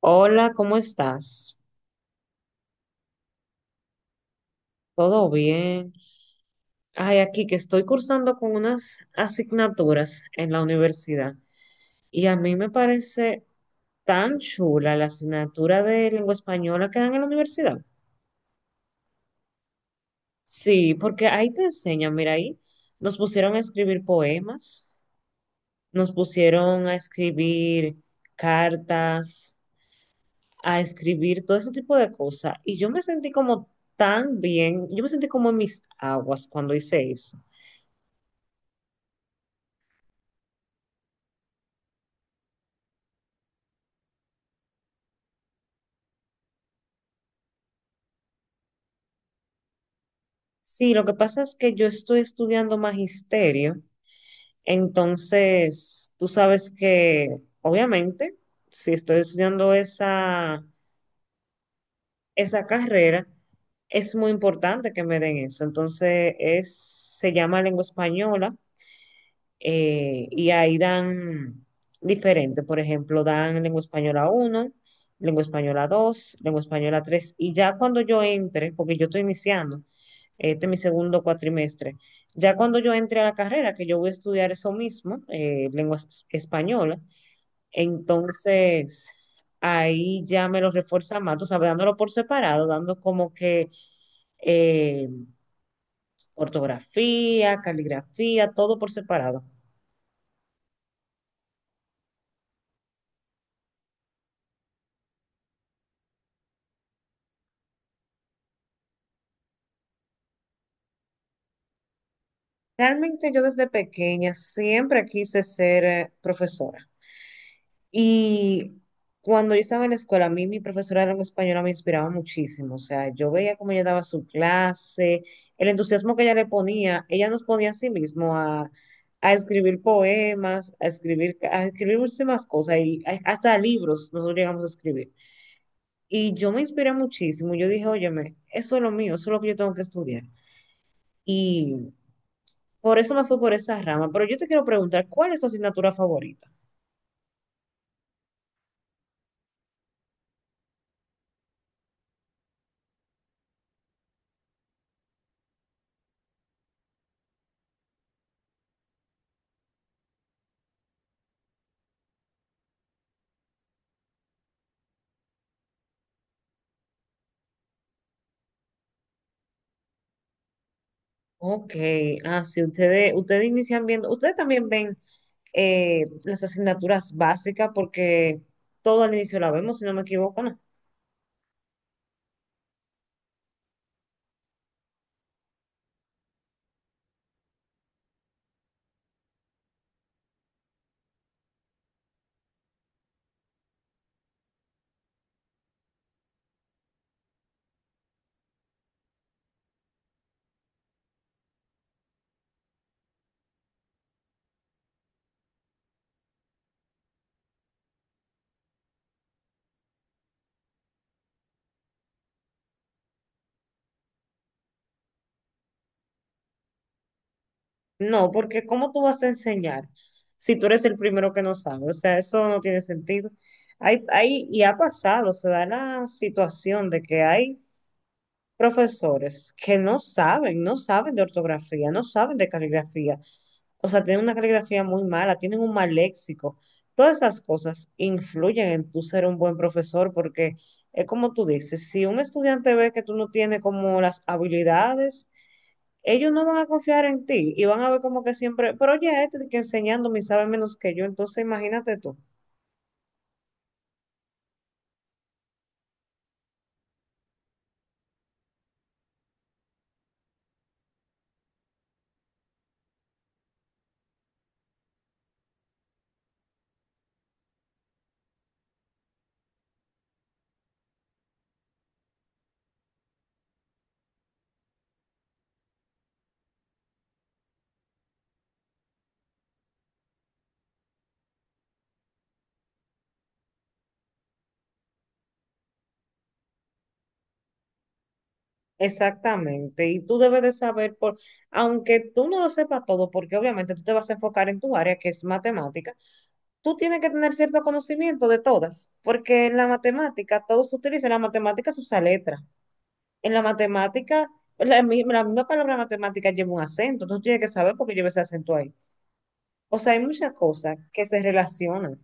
Hola, ¿cómo estás? ¿Todo bien? Ay, aquí que estoy cursando con unas asignaturas en la universidad y a mí me parece tan chula la asignatura de lengua española que dan en la universidad. Sí, porque ahí te enseñan, mira, ahí nos pusieron a escribir poemas, nos pusieron a escribir cartas, a escribir todo ese tipo de cosas y yo me sentí como tan bien, yo me sentí como en mis aguas cuando hice eso. Sí, lo que pasa es que yo estoy estudiando magisterio, entonces tú sabes que obviamente si estoy estudiando esa carrera, es muy importante que me den eso. Se llama lengua española y ahí dan diferente, por ejemplo, dan lengua española uno, lengua española 2, lengua española 3 y ya cuando yo entre, porque yo estoy iniciando, este es mi segundo cuatrimestre. Ya cuando yo entré a la carrera, que yo voy a estudiar eso mismo, lenguas españolas, entonces ahí ya me lo refuerza más, tú sabes, dándolo por separado, dando como que eh, ortografía, caligrafía, todo por separado. Realmente yo desde pequeña siempre quise ser profesora. Y cuando yo estaba en la escuela, a mí mi profesora de lengua española me inspiraba muchísimo. O sea, yo veía cómo ella daba su clase, el entusiasmo que ella le ponía. Ella nos ponía a sí mismo a escribir poemas, a escribir muchísimas cosas y hasta libros nosotros llegamos a escribir. Y yo me inspiré muchísimo. Yo dije, óyeme, eso es lo mío, eso es lo que yo tengo que estudiar. Por eso me fui por esa rama. Pero yo te quiero preguntar, ¿cuál es tu asignatura favorita? Ok, ah, sí, ustedes inician viendo, ustedes también ven las asignaturas básicas porque todo al inicio la vemos, si no me equivoco, ¿no? No, porque ¿cómo tú vas a enseñar si tú eres el primero que no sabe? O sea, eso no tiene sentido. Y ha pasado, se da la situación de que hay profesores que no saben, no saben de ortografía, no saben de caligrafía. O sea, tienen una caligrafía muy mala, tienen un mal léxico. Todas esas cosas influyen en tú ser un buen profesor porque es como tú dices, si un estudiante ve que tú no tienes como las habilidades, ellos no van a confiar en ti y van a ver como que siempre, pero ya este que enseñándome y sabe menos que yo, entonces imagínate tú. Exactamente, y tú debes de saber, aunque tú no lo sepas todo, porque obviamente tú te vas a enfocar en tu área, que es matemática, tú tienes que tener cierto conocimiento de todas, porque en la matemática todo se utiliza, en la matemática se usa letra, en la matemática, la misma palabra matemática lleva un acento, tú tienes que saber por qué lleva ese acento ahí. O sea, hay muchas cosas que se relacionan.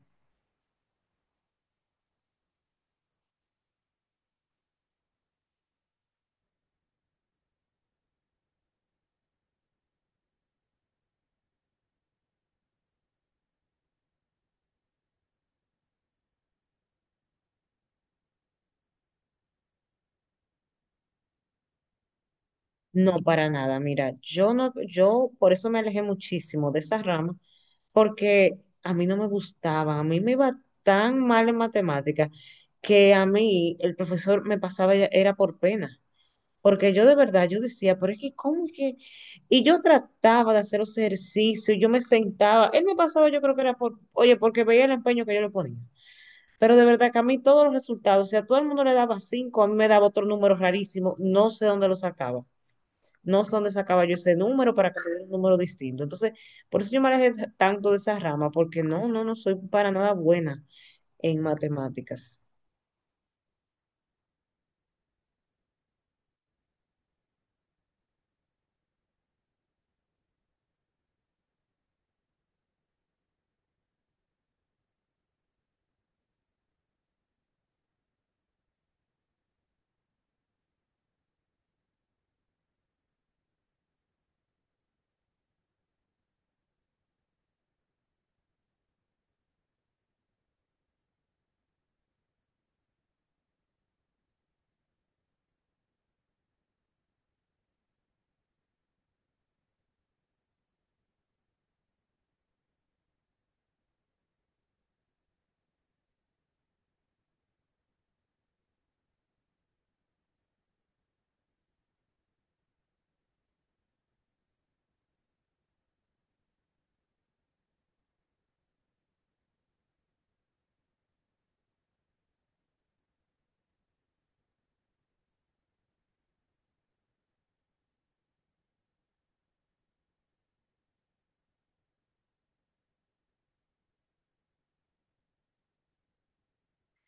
No, para nada. Mira, yo no, yo por eso me alejé muchísimo de esa rama, porque a mí no me gustaba, a mí me iba tan mal en matemáticas que a mí el profesor me pasaba era por pena, porque yo de verdad yo decía, pero es que cómo es que y yo trataba de hacer los ejercicios, yo me sentaba, él me pasaba, yo creo que era oye, porque veía el empeño que yo le ponía. Pero de verdad que a mí todos los resultados, o sea, a todo el mundo le daba cinco, a mí me daba otro número rarísimo, no sé dónde lo sacaba no sé dónde sacaba yo ese número para que me diera un número distinto. Entonces, por eso yo me alejé tanto de esa rama, porque no, no, no soy para nada buena en matemáticas.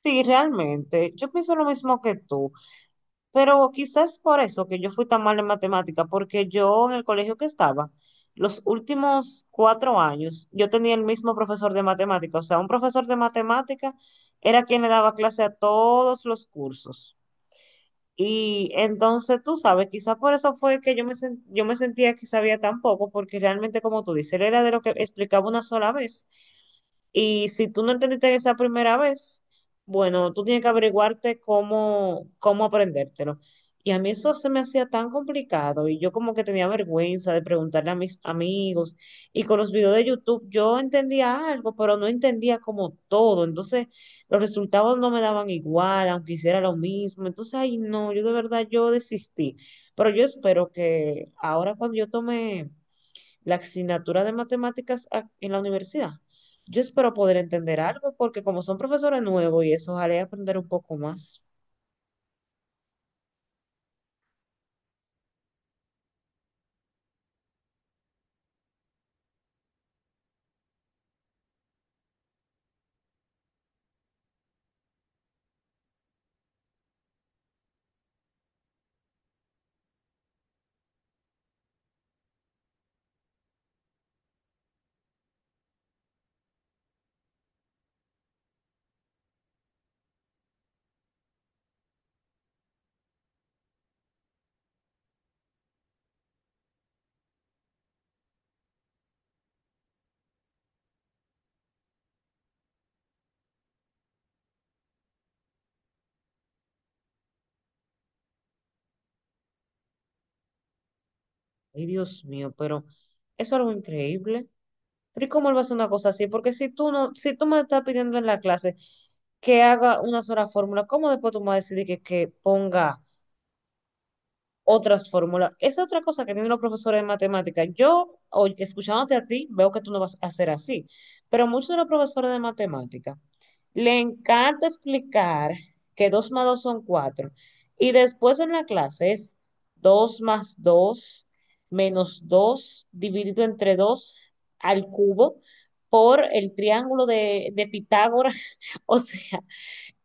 Sí, realmente, yo pienso lo mismo que tú, pero quizás por eso que yo fui tan mal en matemáticas, porque yo en el colegio que estaba, los últimos 4 años, yo tenía el mismo profesor de matemáticas, o sea, un profesor de matemáticas era quien le daba clase a todos los cursos. Y entonces, tú sabes, quizá por eso fue que yo me sentía que sabía tan poco, porque realmente, como tú dices, él era de lo que explicaba una sola vez. Y si tú no entendiste esa primera vez, bueno, tú tienes que averiguarte cómo aprendértelo. Y a mí eso se me hacía tan complicado y yo como que tenía vergüenza de preguntarle a mis amigos. Y con los videos de YouTube yo entendía algo, pero no entendía como todo. Entonces los resultados no me daban igual, aunque hiciera lo mismo. Entonces, ay, no, yo de verdad yo desistí. Pero yo espero que ahora cuando yo tome la asignatura de matemáticas en la universidad. Yo espero poder entender algo porque como son profesores nuevos y eso, ojalá y aprender un poco más. Ay, Dios mío, pero eso es algo increíble. Pero ¿y cómo él va a hacer una cosa así? Porque si tú no, si tú me estás pidiendo en la clase que haga una sola fórmula, ¿cómo después tú me vas a decir que ponga otras fórmulas? Esa es otra cosa que tienen los profesores de matemática. Escuchándote a ti, veo que tú no vas a hacer así, pero muchos de los profesores de matemática le encanta explicar que dos más 2 son 4 y después en la clase es 2 más 2 menos 2 dividido entre 2 al cubo por el triángulo de Pitágoras. O sea,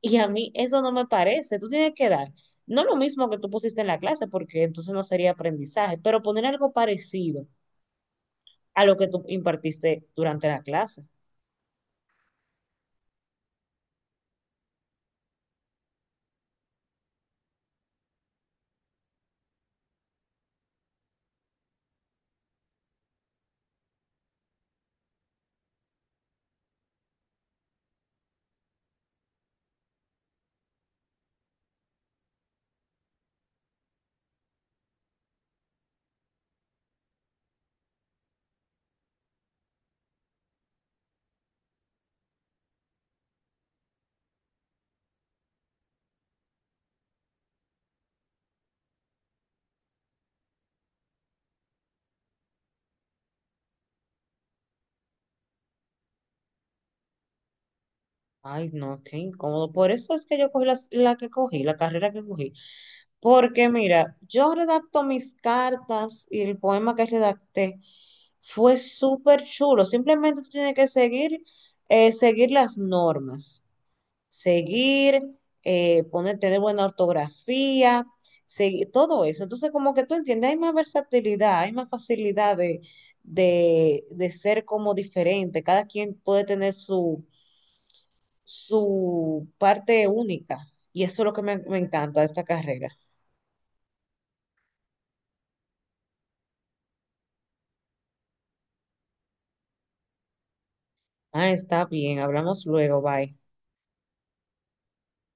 y a mí eso no me parece. Tú tienes que dar, no lo mismo que tú pusiste en la clase, porque entonces no sería aprendizaje, pero poner algo parecido a lo que tú impartiste durante la clase. Ay, no, qué incómodo. Por eso es que yo cogí la carrera que cogí. Porque mira, yo redacto mis cartas y el poema que redacté fue súper chulo. Simplemente tú tienes que seguir, seguir las normas. seguir, Poner, tener buena ortografía, todo eso. Entonces, como que tú entiendes, hay más versatilidad, hay más facilidad de ser como diferente. Cada quien puede tener su parte única. Y eso es lo que me encanta de esta carrera. Ah, está bien, hablamos luego, bye.